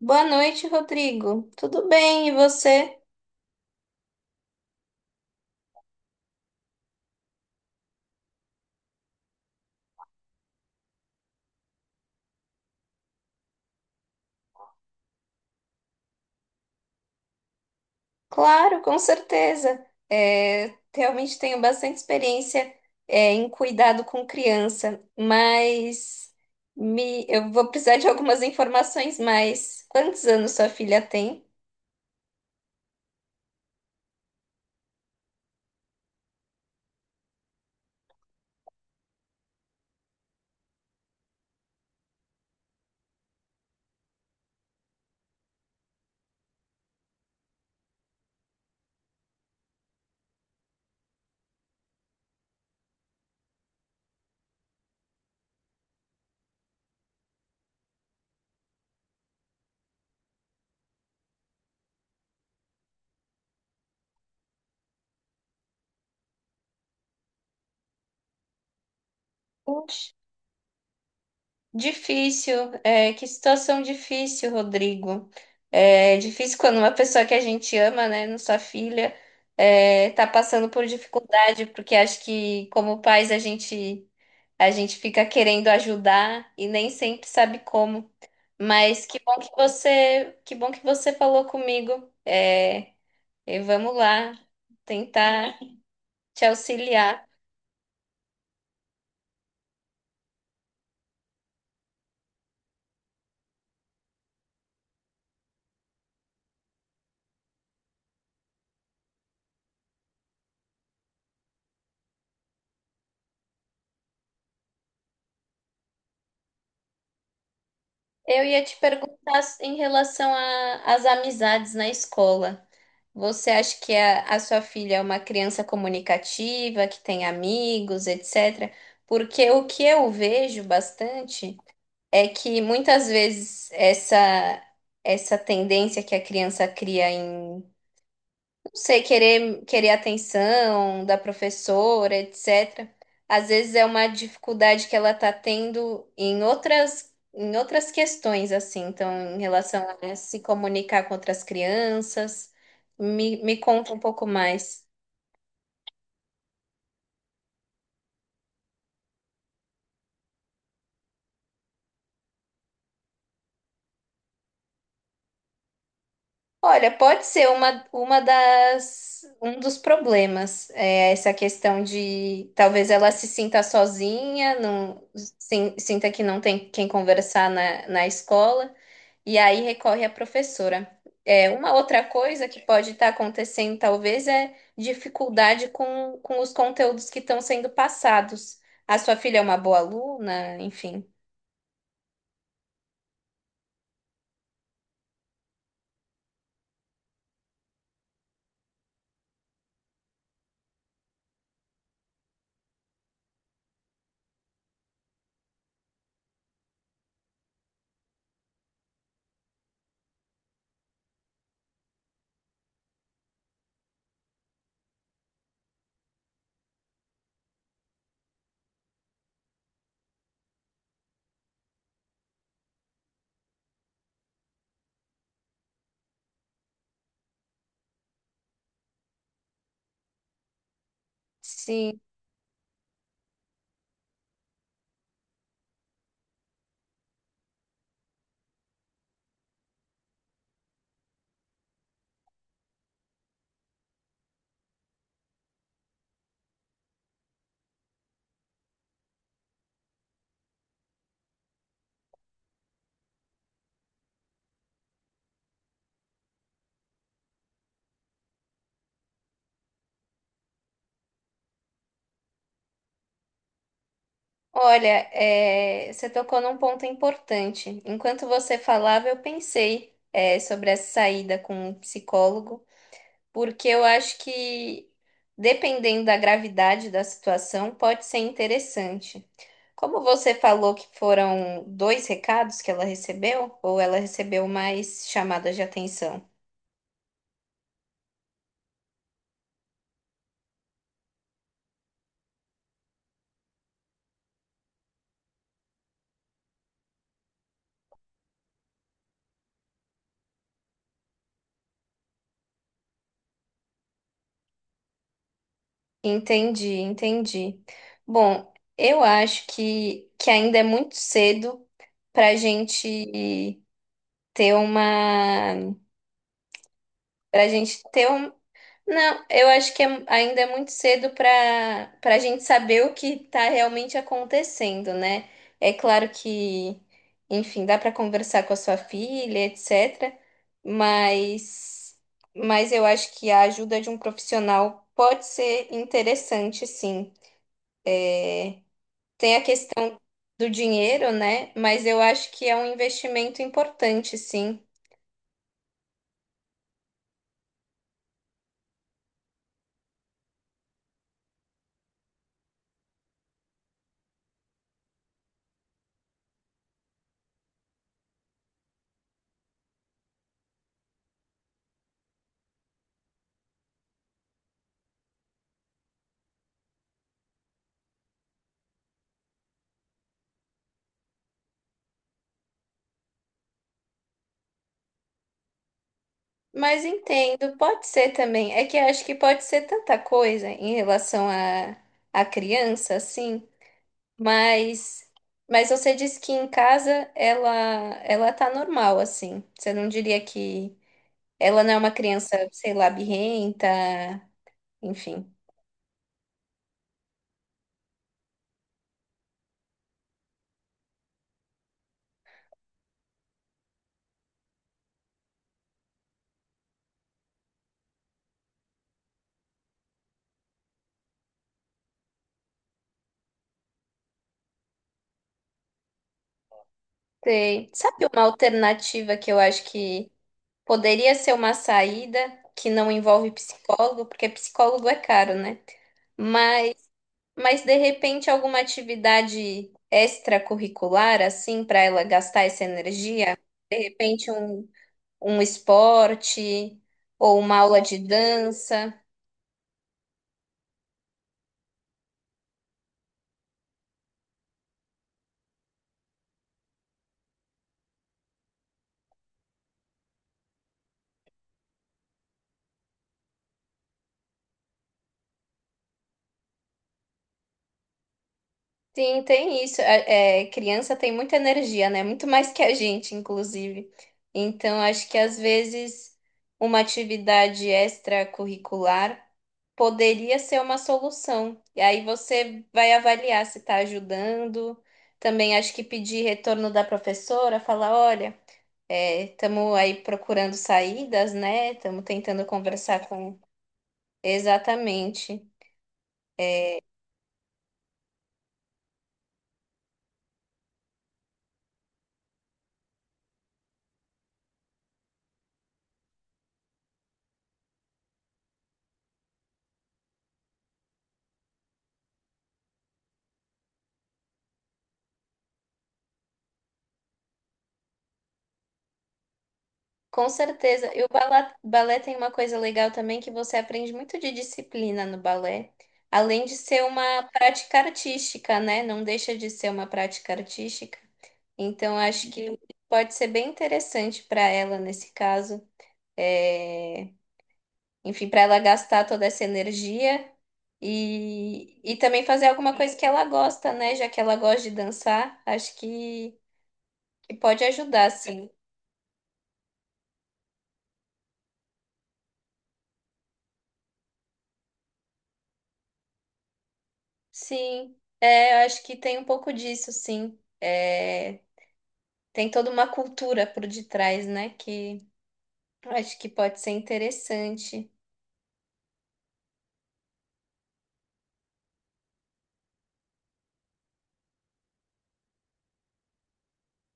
Boa noite, Rodrigo. Tudo bem, e você? Claro, com certeza. Realmente tenho bastante experiência, em cuidado com criança, mas eu vou precisar de algumas informações mais. Quantos anos sua filha tem? Puxa, difícil, que situação difícil, Rodrigo. É difícil quando uma pessoa que a gente ama, né, não sua filha, tá passando por dificuldade, porque acho que como pais a gente fica querendo ajudar e nem sempre sabe como. Mas que bom que você falou comigo. E vamos lá tentar te auxiliar. Eu ia te perguntar em relação às amizades na escola. Você acha que a sua filha é uma criança comunicativa, que tem amigos, etc? Porque o que eu vejo bastante é que muitas vezes essa tendência que a criança cria em, não sei, querer atenção da professora, etc. Às vezes é uma dificuldade que ela tá tendo em outras questões assim, então em relação a se comunicar com outras crianças. Me conta um pouco mais. Olha, pode ser uma das, um dos problemas, é essa questão de talvez ela se sinta sozinha, não, sinta que não tem quem conversar na escola, e aí recorre à professora. Uma outra coisa que pode estar acontecendo, talvez, é dificuldade com os conteúdos que estão sendo passados. A sua filha é uma boa aluna, enfim. Sim. Olha, é, você tocou num ponto importante. Enquanto você falava, eu pensei, sobre essa saída com o psicólogo, porque eu acho que, dependendo da gravidade da situação, pode ser interessante. Como você falou que foram dois recados que ela recebeu, ou ela recebeu mais chamadas de atenção? Entendi, entendi. Bom, eu acho que ainda é muito cedo para a gente ter uma. Pra gente ter um. Não, eu acho que ainda é muito cedo para a gente saber o que está realmente acontecendo, né? É claro que, enfim, dá para conversar com a sua filha, etc. Mas, mas eu acho que a ajuda de um profissional pode ser interessante, sim. Tem a questão do dinheiro, né? Mas eu acho que é um investimento importante, sim. Mas entendo, pode ser também. É que eu acho que pode ser tanta coisa em relação à criança, assim. Mas, mas você disse que em casa ela tá normal, assim. Você não diria que ela não é uma criança, sei lá, birrenta, enfim. Sei. Sabe uma alternativa que eu acho que poderia ser uma saída que não envolve psicólogo, porque psicólogo é caro, né? Mas de repente alguma atividade extracurricular, assim, para ela gastar essa energia? De repente um, um esporte ou uma aula de dança? Sim, tem isso. Criança tem muita energia, né? Muito mais que a gente, inclusive. Então, acho que às vezes uma atividade extracurricular poderia ser uma solução. E aí você vai avaliar se está ajudando. Também acho que pedir retorno da professora, falar, olha, estamos aí procurando saídas, né? Estamos tentando conversar com. Exatamente. Com certeza. E o balé, balé tem uma coisa legal também que você aprende muito de disciplina no balé, além de ser uma prática artística, né? Não deixa de ser uma prática artística. Então, acho que sim. Pode ser bem interessante para ela nesse caso. É, Enfim, para ela gastar toda essa energia e também fazer alguma coisa que ela gosta, né? Já que ela gosta de dançar, acho que pode ajudar, sim. Sim, eu acho que tem um pouco disso, sim. É, tem toda uma cultura por detrás, né? Que eu acho que pode ser interessante.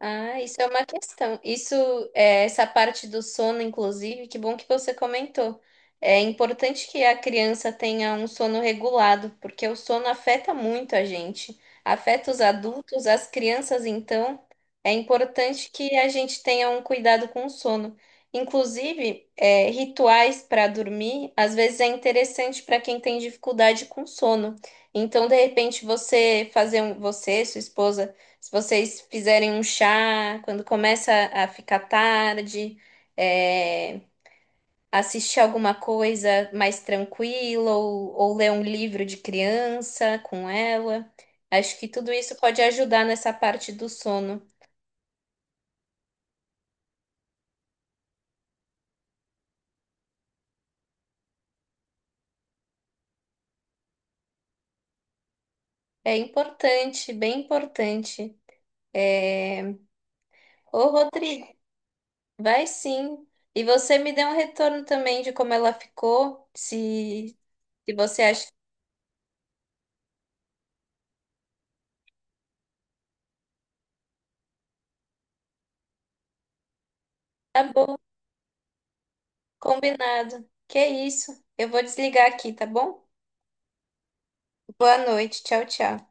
Ah, isso é uma questão. Isso, essa parte do sono, inclusive, que bom que você comentou. É importante que a criança tenha um sono regulado, porque o sono afeta muito a gente. Afeta os adultos, as crianças, então, é importante que a gente tenha um cuidado com o sono. Inclusive, rituais para dormir, às vezes é interessante para quem tem dificuldade com sono. Então, de repente, você, sua esposa se vocês fizerem um chá, quando começa a ficar tarde, é, assistir alguma coisa mais tranquila ou ler um livro de criança com ela. Acho que tudo isso pode ajudar nessa parte do sono. É importante, bem importante. É, ô Rodrigo, vai sim. E você me dê um retorno também de como ela ficou, se você acha que tá bom. Combinado. Que isso? Eu vou desligar aqui, tá bom? Boa noite. Tchau, tchau.